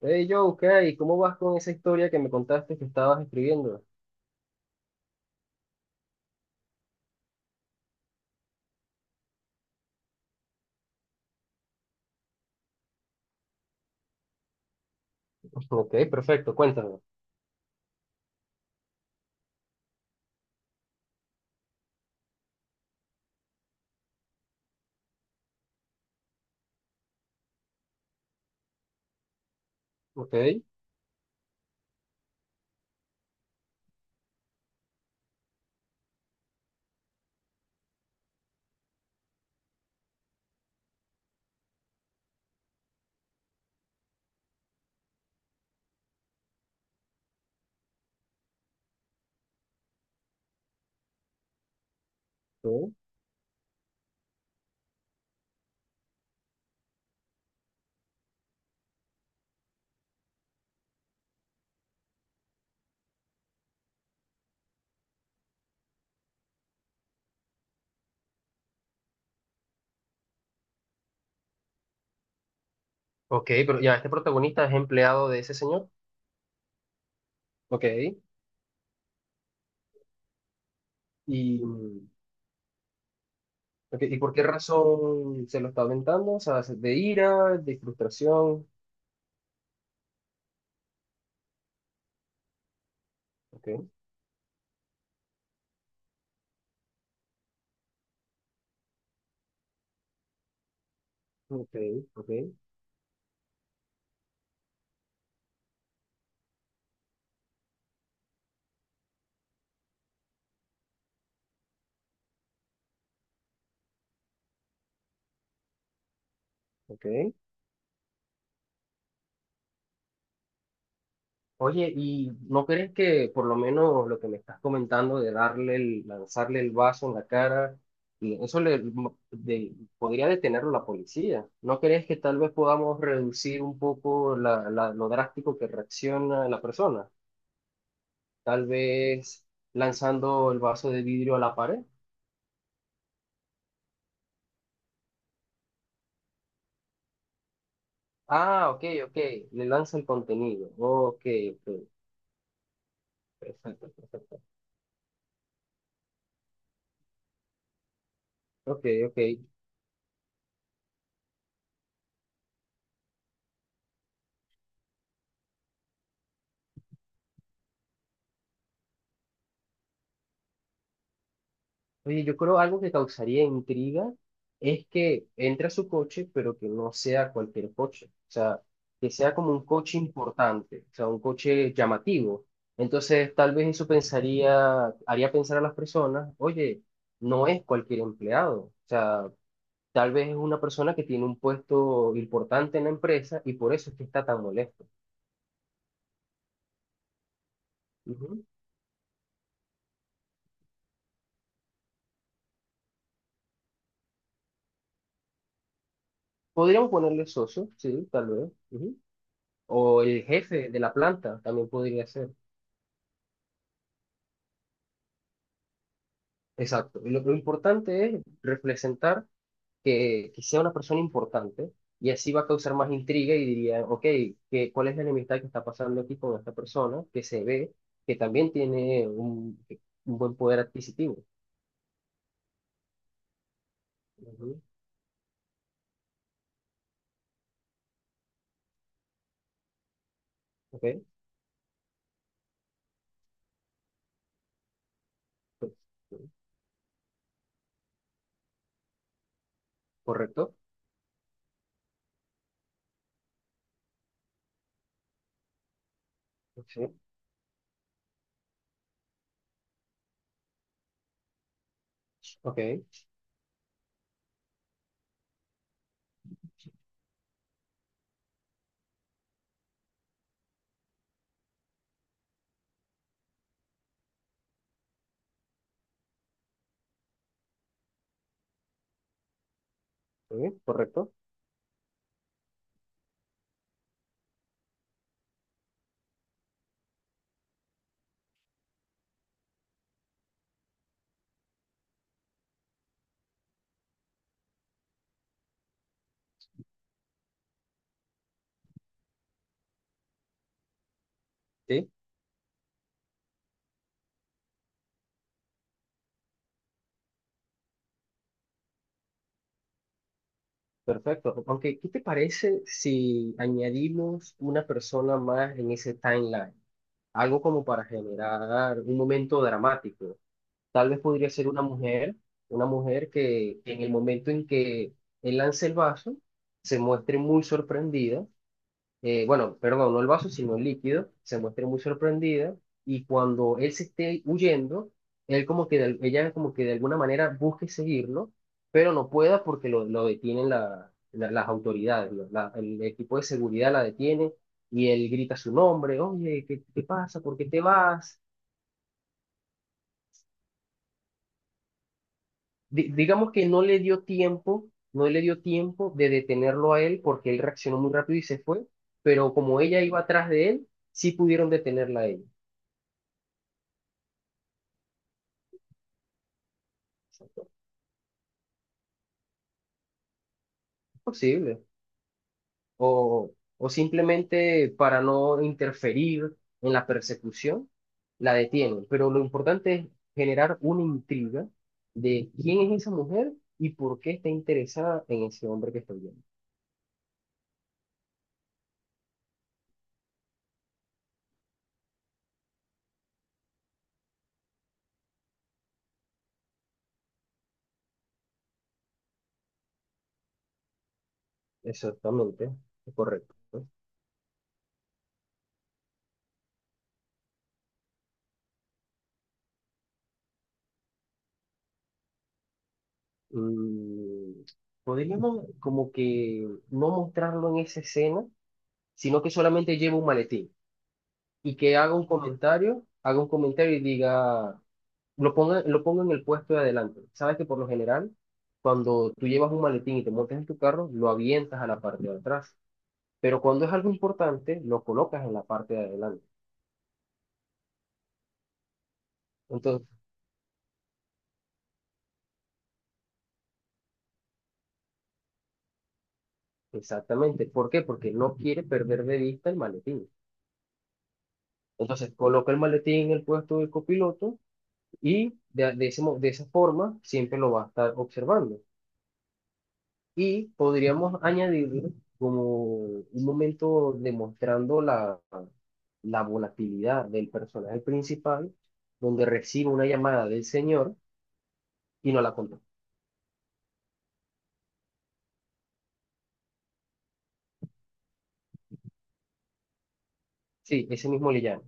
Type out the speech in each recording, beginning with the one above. Hey Joe, ¿qué hay? ¿Cómo vas con esa historia que me contaste que estabas escribiendo? Ok, perfecto, cuéntame. Ok, ok, ok, pero ya, este protagonista es empleado de ese señor. Ok, y, ok, ¿y por qué razón se lo está aventando? O sea, ¿de ira, de frustración? Ok, ok, ok, ok. Oye, ¿y no crees que por lo menos lo que me estás comentando de darle el, lanzarle el vaso en la cara, y eso le podría detenerlo la policía? ¿No crees que tal vez podamos reducir un poco lo drástico que reacciona la persona? Tal vez lanzando el vaso de vidrio a la pared. Ah, ok, ok, le lanza el contenido. Ok, ok, ok, ok. Oye, yo creo algo que causaría intriga es que entre a su coche, pero que no sea cualquier coche. O sea, que sea como un coche importante, o sea, un coche llamativo. Entonces, tal vez eso pensaría, haría pensar a las personas, oye, no es cualquier empleado. O sea, tal vez es una persona que tiene un puesto importante en la empresa y por eso es que está tan molesto. Ujú. Podríamos ponerle socio, sí, tal vez. Ujú. O el jefe de la planta también podría ser. Exacto. Y lo importante es representar que sea una persona importante y así va a causar más intriga y diría, ok, que, ¿cuál es la enemistad que está pasando aquí con esta persona que se ve que también tiene un buen poder adquisitivo? Ujú. Ok, pues, correcto. Sí. Ok, sí, correcto. Sí, perfecto. Aunque, ¿qué te parece si añadimos una persona más en ese timeline? Algo como para generar un momento dramático. Tal vez podría ser una mujer que en el momento en que él lance el vaso, se muestre muy sorprendida, bueno, perdón, no el vaso, sino el líquido, se muestre muy sorprendida y cuando él se esté huyendo, él como que de- ella como que de alguna manera busque seguirlo, pero no pueda porque lo detienen las autoridades, ¿no? El equipo de seguridad la detiene y él grita su nombre, oye, ¿qué, qué pasa? ¿Por qué te vas? Digamos que no le dio tiempo, no le dio tiempo de detenerlo a él porque él reaccionó muy rápido y se fue, pero como ella iba atrás de él, sí pudieron detenerla a ella. Es posible. O simplemente para no interferir en la persecución, la detienen. Pero lo importante es generar una intriga de quién es esa mujer y por qué está interesada en ese hombre que estoy viendo. Exactamente, es correcto. Mm, podríamos como que no mostrarlo en esa escena, sino que solamente lleve un maletín y que haga un comentario y diga, lo ponga en el puesto de adelante. Sabes que por lo general, cuando tú llevas un maletín y te montas en tu carro, lo avientas a la parte de atrás. Pero cuando es algo importante, lo colocas en la parte de adelante. Entonces, exactamente. ¿Por qué? Porque no quiere perder de vista el maletín. Entonces, coloca el maletín en el puesto del copiloto. Y de esa forma siempre lo va a estar observando. Y podríamos añadir como un momento demostrando la volatilidad del personaje principal, donde recibe una llamada del señor y no la contesta. Sí, ese mismo le llama.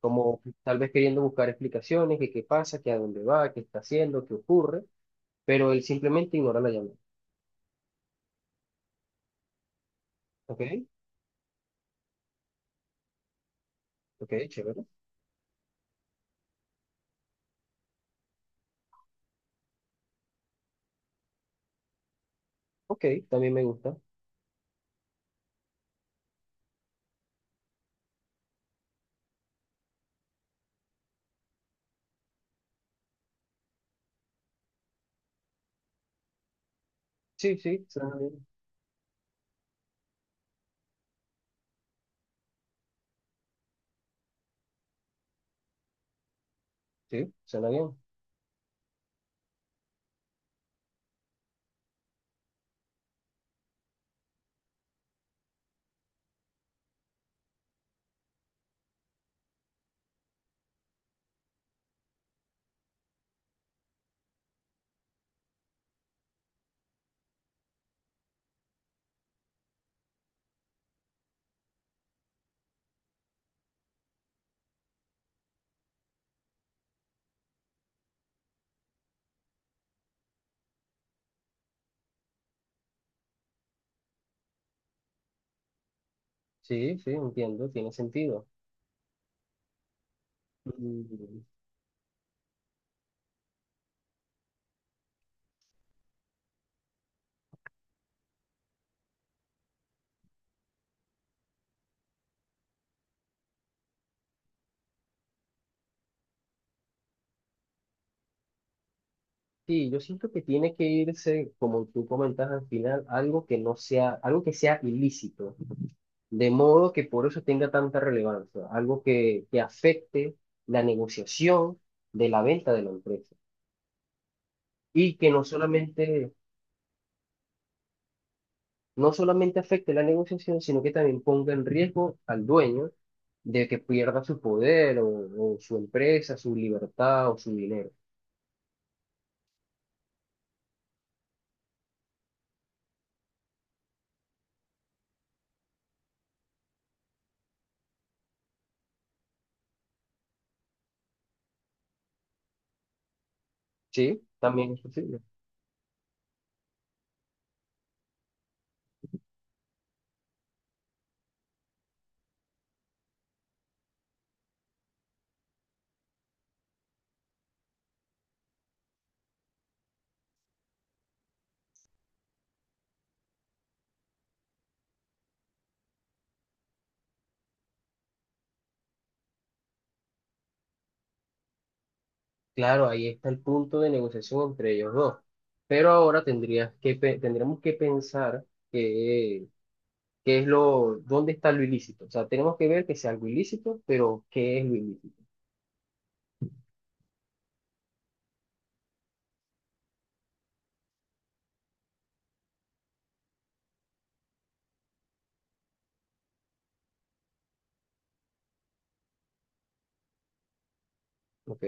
Como tal vez queriendo buscar explicaciones, que qué pasa, que a dónde va, qué está haciendo, qué ocurre, pero él simplemente ignora la llamada. ¿Ok? ¿Ok? Chévere. Ok, también me gusta. Sí, sí, suena bien. Sí, suena bien. Sí, sí, entiendo, tiene sentido. Mm, sí, yo siento que tiene que irse, como tú comentas al final, algo que no sea, algo que sea ilícito, de modo que por eso tenga tanta relevancia, algo que afecte la negociación de la venta de la empresa y que no solamente, no solamente afecte la negociación, sino que también ponga en riesgo al dueño de que pierda su poder o su empresa, su libertad o su dinero. Sí, también es posible. Claro, ahí está el punto de negociación entre ellos dos. Pero ahora tendrías que, tendremos que pensar que, qué es lo, dónde está lo ilícito. O sea, tenemos que ver que sea algo ilícito, pero qué es lo ilícito. ¿Ok?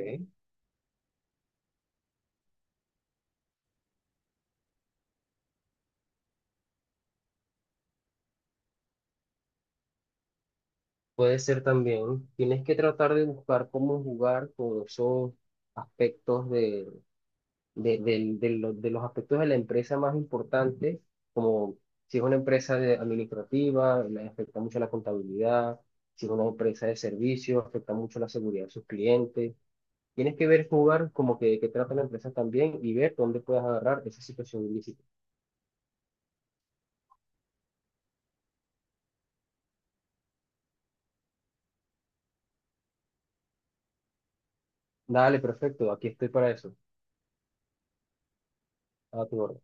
Puede ser también, tienes que tratar de buscar cómo jugar con esos aspectos de los aspectos de la empresa más importantes, como si es una empresa administrativa, le afecta mucho la contabilidad, si es una empresa de servicios, afecta mucho la seguridad de sus clientes. Tienes que ver, jugar como que trata la empresa también y ver dónde puedes agarrar esa situación ilícita. Dale, perfecto, aquí estoy para eso. A tu orden.